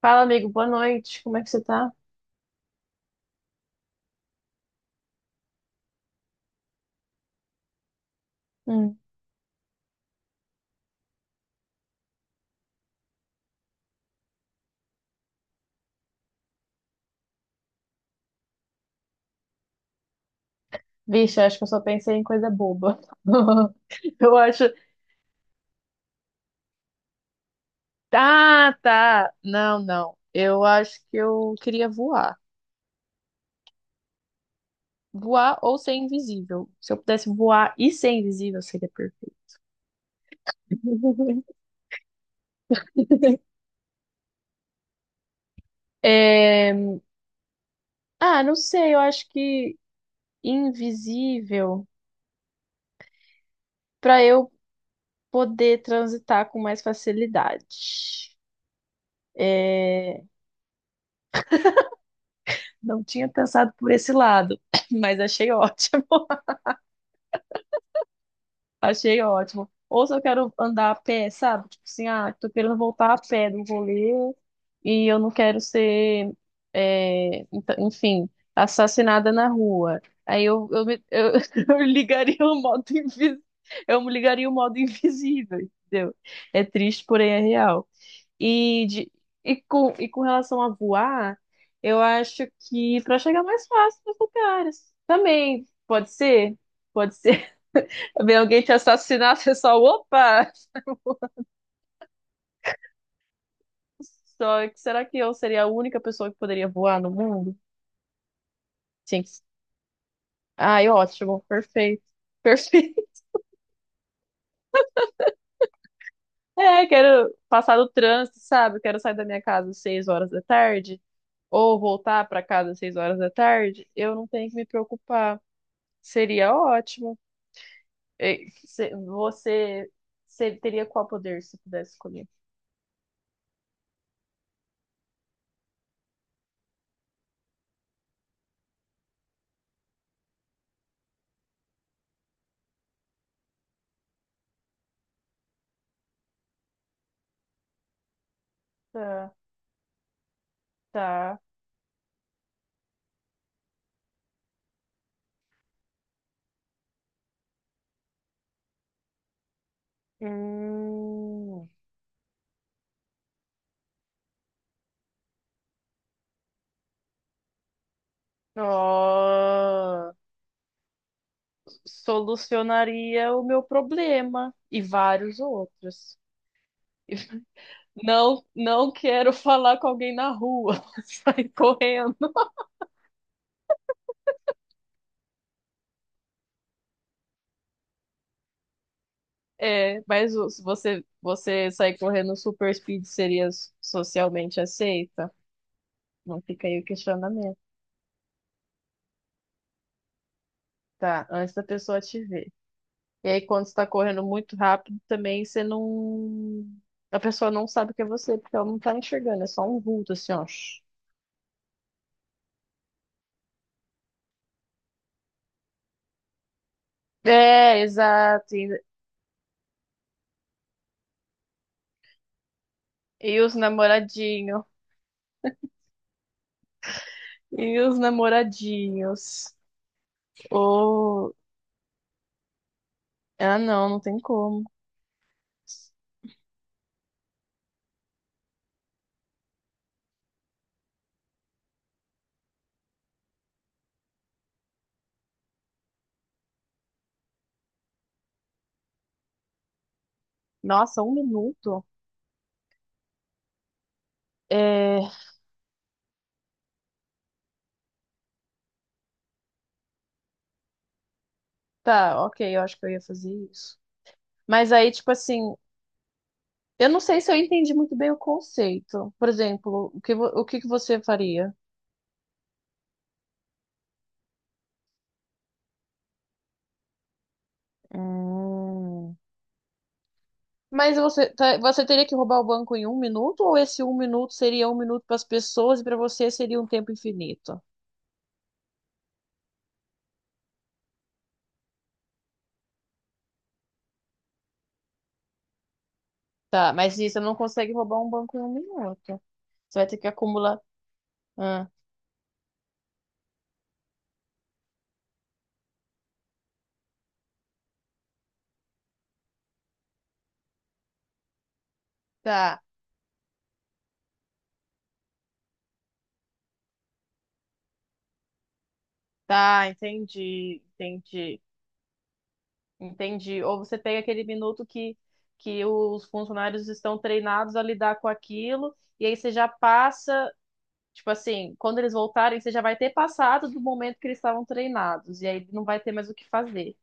Fala, amigo, boa noite. Como é que você tá? Hum. Vixe, acho que eu só pensei em coisa boba. Eu acho. Tá, tá. Não, não. Eu acho que eu queria voar. Voar ou ser invisível. Se eu pudesse voar e ser invisível, seria perfeito. É. Ah, não sei. Eu acho que invisível para eu poder transitar com mais facilidade. É. Não tinha pensado por esse lado, mas achei ótimo. Achei ótimo. Ou se eu quero andar a pé, sabe? Tipo assim, ah, tô querendo voltar a pé do rolê e eu não quero ser, enfim, assassinada na rua. Aí eu ligaria o modo invisível. Eu ligaria o modo invisível, entendeu? É triste, porém é real. E, de, e com relação a voar, eu acho que para chegar mais fácil nos lugares. Também, pode ser? Pode ser. Ver alguém te assassinar, você só, opa! Só que será que eu seria a única pessoa que poderia voar no mundo? Sim. Ai, ótimo, perfeito. Perfeito. É, quero passar do trânsito, sabe? Quero sair da minha casa às 6 horas da tarde, ou voltar para casa às 6 horas da tarde. Eu não tenho que me preocupar. Seria ótimo. É, cê- Você, você teria qual poder se pudesse escolher? Tá, tá. Hum, ó, solucionaria o meu problema e vários outros. Não, não quero falar com alguém na rua. Sai correndo. É, mas se você sair correndo super speed seria socialmente aceita? Não fica aí o questionamento. Tá, antes da pessoa te ver. E aí, quando você tá correndo muito rápido, também você não. A pessoa não sabe que é você, porque ela não tá enxergando, é só um vulto, assim, ó. É, exato. E os namoradinhos. E os namoradinhos. Ou. Ah, não, não tem como. Nossa, um minuto? É. Tá, ok, eu acho que eu ia fazer isso. Mas aí, tipo assim, eu não sei se eu entendi muito bem o conceito. Por exemplo, o que que você faria? Hum. Mas você teria que roubar o banco em um minuto, ou esse um minuto seria um minuto para as pessoas e para você seria um tempo infinito? Tá, mas isso, você não consegue roubar um banco em um minuto. Você vai ter que acumular. Ah, tá, tá, entendi, entendi, entendi. Ou você pega aquele minuto que os funcionários estão treinados a lidar com aquilo, e aí você já passa, tipo assim, quando eles voltarem, você já vai ter passado do momento que eles estavam treinados, e aí não vai ter mais o que fazer.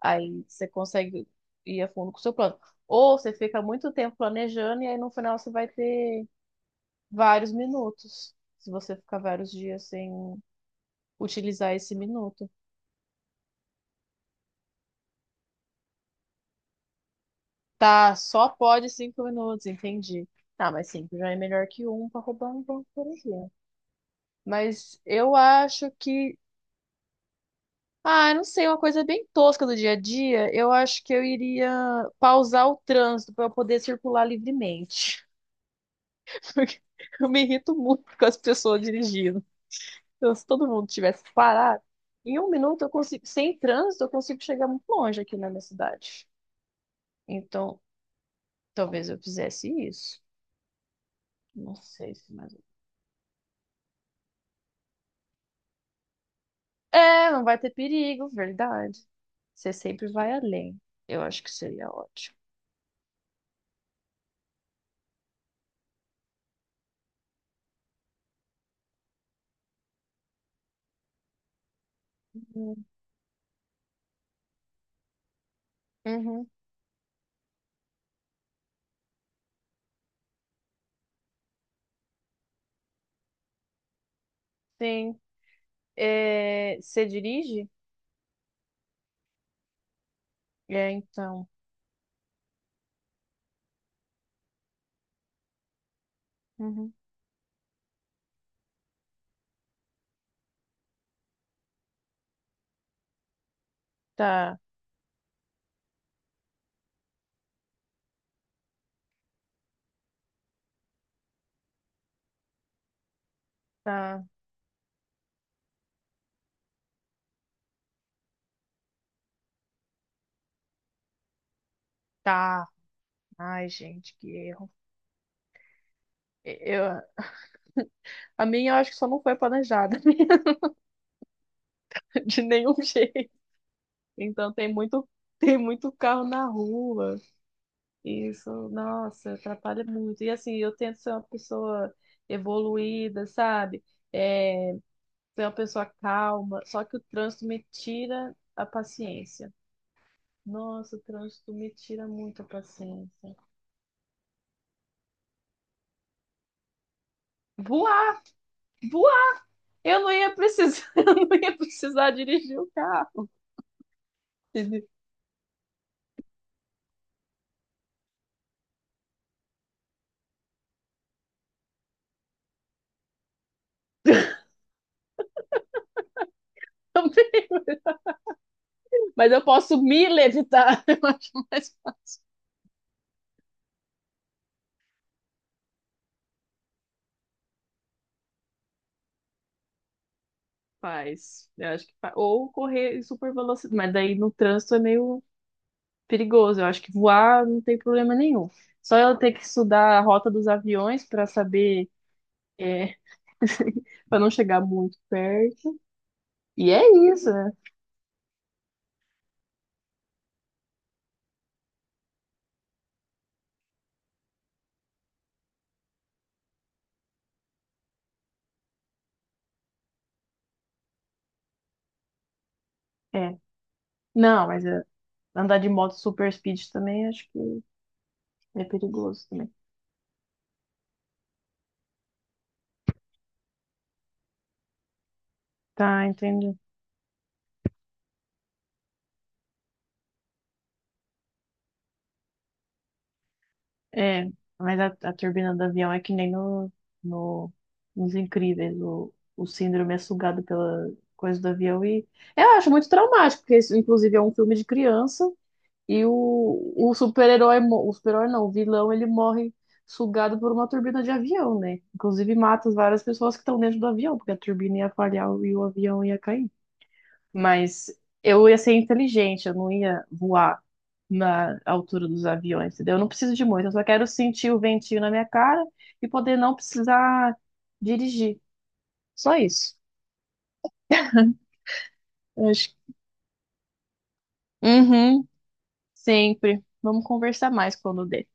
Aí você consegue ir a fundo com o seu plano. Ou você fica muito tempo planejando e aí no final você vai ter vários minutos, se você ficar vários dias sem utilizar esse minuto. Tá, só pode 5 minutos, entendi. Tá, mas cinco já é melhor que um para roubar um banco, por exemplo. Mas eu acho que. Ah, eu não sei, uma coisa bem tosca do dia a dia. Eu acho que eu iria pausar o trânsito para eu poder circular livremente. Porque eu me irrito muito com as pessoas dirigindo. Então, se todo mundo tivesse parado, em um minuto eu consigo, sem trânsito, eu consigo chegar muito longe aqui na minha cidade. Então, talvez eu fizesse isso. Não sei se mais. É, não vai ter perigo, verdade. Você sempre vai além. Eu acho que seria ótimo. Uhum, uhum, sim. É, você dirige? É, então. Uhum. Tá, tá, tá. Ai, gente, que erro. Eu, a minha eu acho que só não foi planejada, de nenhum jeito. Então tem muito, tem muito carro na rua. Isso, nossa, atrapalha muito. E assim, eu tento ser uma pessoa evoluída, sabe? É, ser uma pessoa calma, só que o trânsito me tira a paciência. Nossa, o trânsito me tira muito a paciência. Voar, voar. Eu não ia precisar, eu não ia precisar dirigir o carro. Entendeu? Mas eu posso me levitar. Eu acho mais. Faz. Eu acho que faz. Ou correr em super velocidade. Mas daí no trânsito é meio perigoso. Eu acho que voar não tem problema nenhum. Só eu ter que estudar a rota dos aviões para saber. É, para não chegar muito perto. E é isso, né? É. Não, mas é, andar de moto super speed também acho que é perigoso também. Tá, entendi. É, mas a turbina do avião é que nem no, no, nos Incríveis, o Síndrome é sugado pela coisa do avião e eu acho muito traumático, porque isso, inclusive, é um filme de criança e o super-herói, o super-herói não, o vilão, ele morre sugado por uma turbina de avião, né? Inclusive mata as várias pessoas que estão dentro do avião, porque a turbina ia falhar e o avião ia cair. Mas eu ia ser inteligente, eu não ia voar na altura dos aviões, entendeu? Eu não preciso de muito, eu só quero sentir o ventinho na minha cara e poder não precisar dirigir. Só isso. Eu acho- Uhum, sempre. Vamos conversar mais quando der.